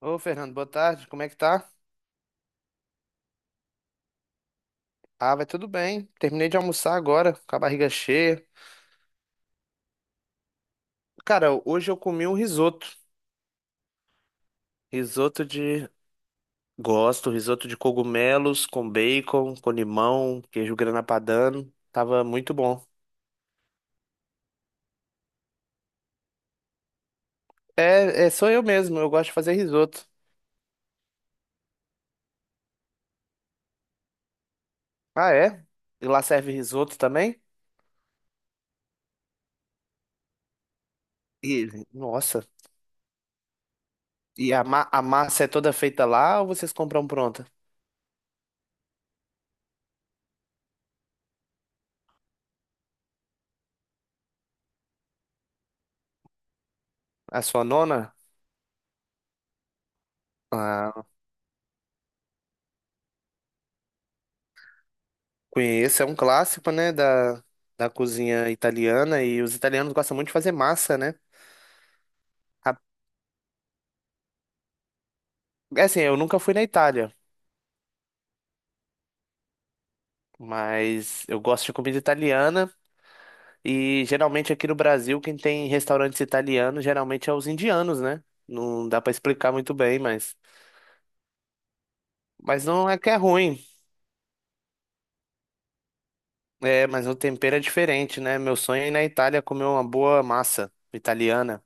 Ô, Fernando, boa tarde. Como é que tá? Ah, vai tudo bem. Terminei de almoçar agora, com a barriga cheia. Cara, hoje eu comi um risoto. Risoto de. Gosto, risoto de cogumelos com bacon, com limão, queijo grana padano. Tava muito bom. É, sou eu mesmo, eu gosto de fazer risoto. Ah, é? E lá serve risoto também? E, nossa. E a massa é toda feita lá ou vocês compram pronta? A sua nona? Ah, conheço, é um clássico, né, da, da cozinha italiana e os italianos gostam muito de fazer massa, né? A- É assim, eu nunca fui na Itália, mas eu gosto de comida italiana e geralmente aqui no Brasil quem tem restaurantes italianos geralmente é os indianos, né? Não dá pra explicar muito bem, mas não é que é ruim, é, mas o tempero é diferente, né? Meu sonho é ir na Itália comer uma boa massa italiana.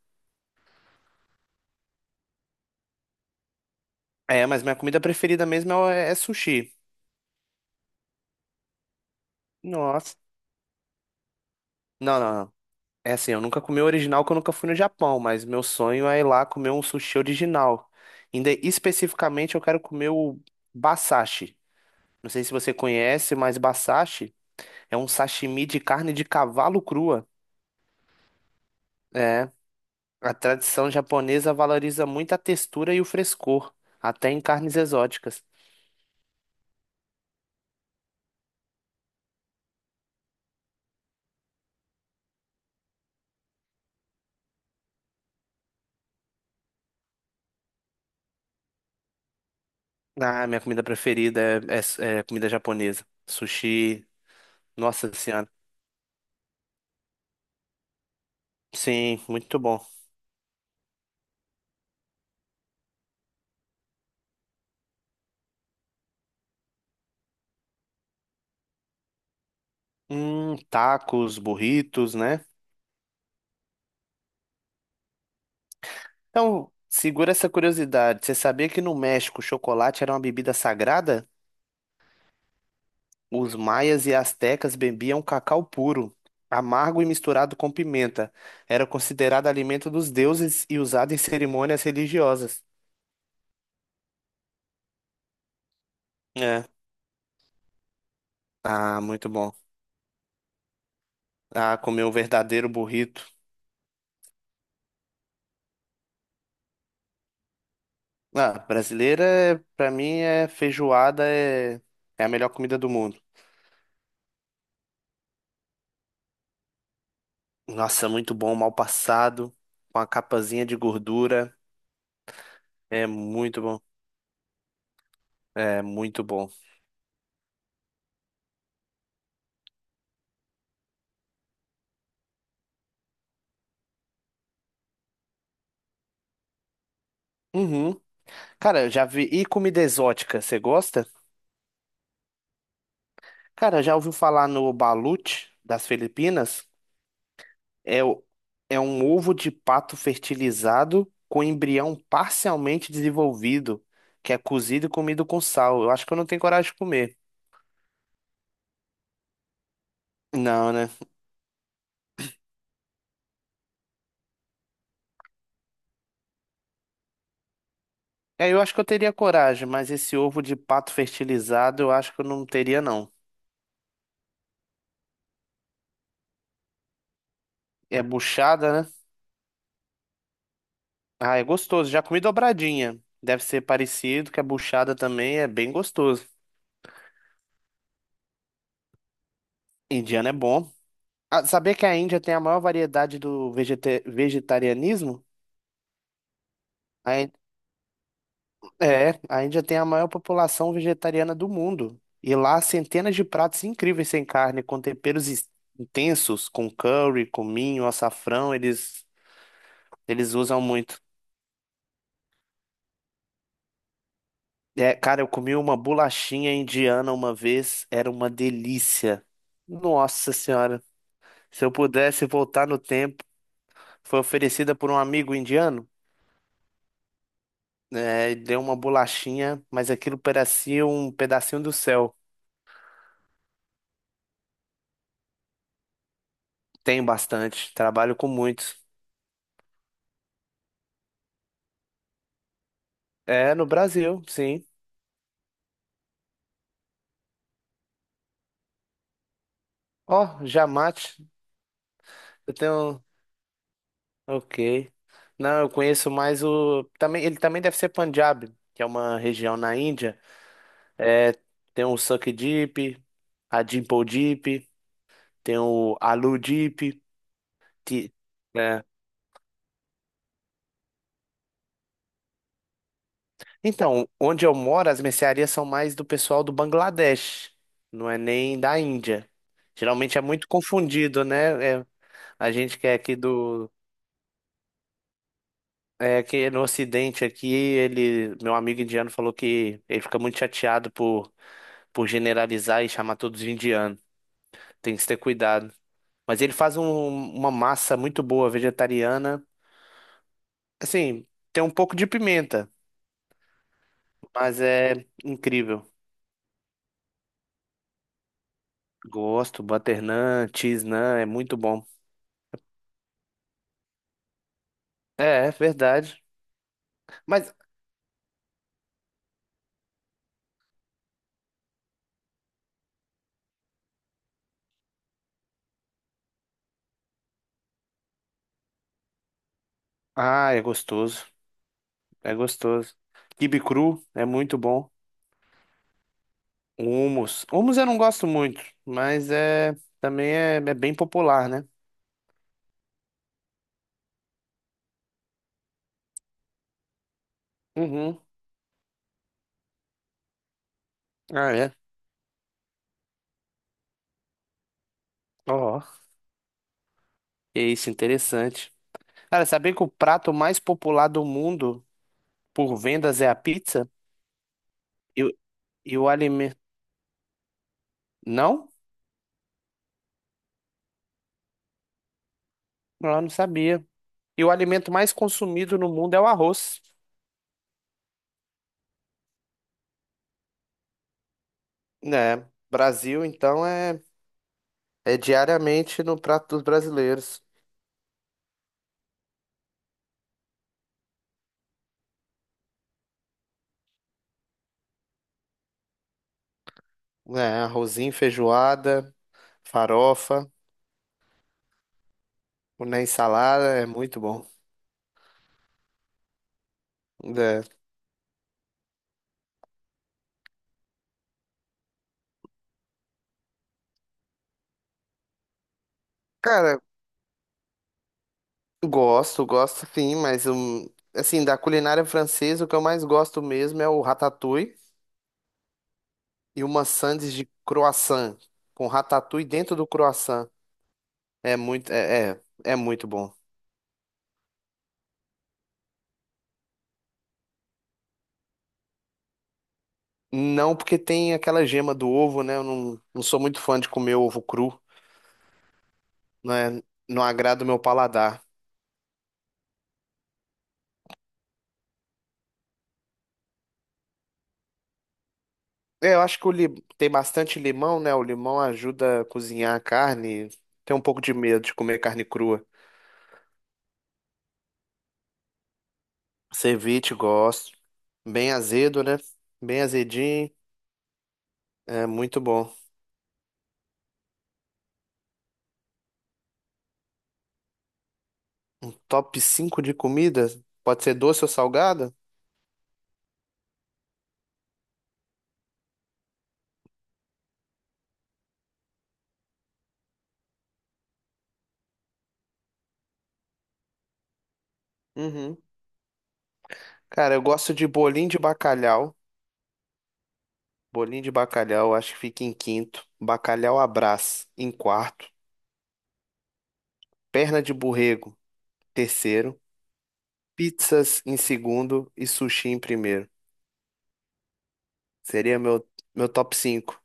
É, mas minha comida preferida mesmo é sushi. Nossa. Não, não, não. É assim, eu nunca comi o original porque eu nunca fui no Japão, mas meu sonho é ir lá comer um sushi original. Ainda especificamente eu quero comer o basashi. Não sei se você conhece, mas basashi é um sashimi de carne de cavalo crua. É, a tradição japonesa valoriza muito a textura e o frescor, até em carnes exóticas. Ah, minha comida preferida é comida japonesa. Sushi, nossa senhora. Sim, muito bom. Tacos, burritos, né? Então, segura essa curiosidade. Você sabia que no México o chocolate era uma bebida sagrada? Os maias e astecas bebiam cacau puro, amargo e misturado com pimenta. Era considerado alimento dos deuses e usado em cerimônias religiosas. É. Ah, muito bom. Ah, comer um verdadeiro burrito. Ah, brasileira, pra mim, é feijoada, é, é a melhor comida do mundo. Nossa, muito bom, mal passado, com a capazinha de gordura. É muito bom. É muito bom. Uhum. Cara, eu já vi. E comida exótica, você gosta? Cara, já ouviu falar no balut das Filipinas? É, o... é um ovo de pato fertilizado com embrião parcialmente desenvolvido, que é cozido e comido com sal. Eu acho que eu não tenho coragem de comer. Não, né? É, eu acho que eu teria coragem, mas esse ovo de pato fertilizado eu acho que eu não teria, não. É buchada, né? Ah, é gostoso. Já comi dobradinha. Deve ser parecido, que é buchada também, é bem gostoso. Indiano é bom. Ah, sabia que a Índia tem a maior variedade do vegetarianismo? A Ín- É, a Índia tem a maior população vegetariana do mundo. E lá, há centenas de pratos incríveis sem carne, com temperos intensos, com curry, cominho, açafrão, eles usam muito. É, cara, eu comi uma bolachinha indiana uma vez, era uma delícia. Nossa Senhora, se eu pudesse voltar no tempo, foi oferecida por um amigo indiano. É, deu uma bolachinha, mas aquilo parecia um pedacinho do céu. Tem bastante, trabalho com muitos. É, no Brasil, sim. Ó, Jamate, eu tenho. Ok. Não, eu conheço mais o. Também, ele também deve ser Punjab, que é uma região na Índia. É, tem o Suk Deep, a Dimple Deep, tem o Alu Deep. Então, onde eu moro, as mercearias são mais do pessoal do Bangladesh, não é nem da Índia. Geralmente é muito confundido, né? É, a gente que é aqui do. É que no Ocidente aqui, ele, meu amigo indiano falou que ele fica muito chateado por generalizar e chamar todos de indiano. Tem que ter cuidado. Mas ele faz uma massa muito boa, vegetariana. Assim, tem um pouco de pimenta, mas é incrível. Gosto, butter naan, cheese naan, é muito bom. É, é verdade. Mas, ah, é gostoso. É gostoso. Quibe cru é muito bom. Hummus. Hummus eu não gosto muito, mas é também é bem popular, né? Uhum. Ah, é. Ó, é isso, interessante. Cara, saber que o prato mais popular do mundo por vendas é a pizza? E, o- e o alimento. Não? Eu não sabia. E o alimento mais consumido no mundo é o arroz. Né, Brasil, então, é, é diariamente no prato dos brasileiros. É, arrozinho, feijoada, farofa, na ensalada, é muito bom. É. Cara, gosto, gosto sim, mas um, assim, da culinária francesa, o que eu mais gosto mesmo é o ratatouille e uma sandes de croissant, com ratatouille dentro do croissant. É muito bom. Não porque tem aquela gema do ovo, né? Eu não, não sou muito fã de comer ovo cru, né? Não agrada o meu paladar. É, eu acho que o li... tem bastante limão, né? O limão ajuda a cozinhar a carne. Tem um pouco de medo de comer carne crua. Ceviche, gosto. Bem azedo, né? Bem azedinho. É muito bom. Top 5 de comida? Pode ser doce ou salgada? Uhum. Cara, eu gosto de bolinho de bacalhau. Bolinho de bacalhau, acho que fica em quinto. Bacalhau à Brás, em quarto. Perna de borrego, terceiro. Pizzas em segundo e sushi em primeiro. Seria meu top cinco.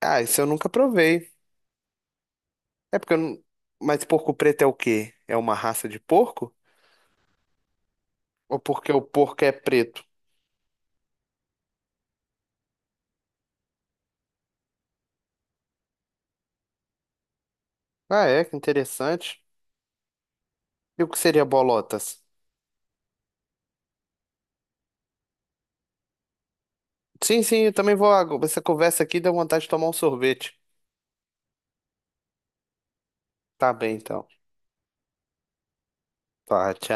Ah, isso eu nunca provei. É porque eu não... Mas porco preto é o quê? É uma raça de porco? Ou porque o porco é preto? Ah, é, que interessante. E o que seria bolotas? Sim, sim, eu também vou. Essa conversa aqui deu vontade de tomar um sorvete. Tá bem, então. Tá, tchau.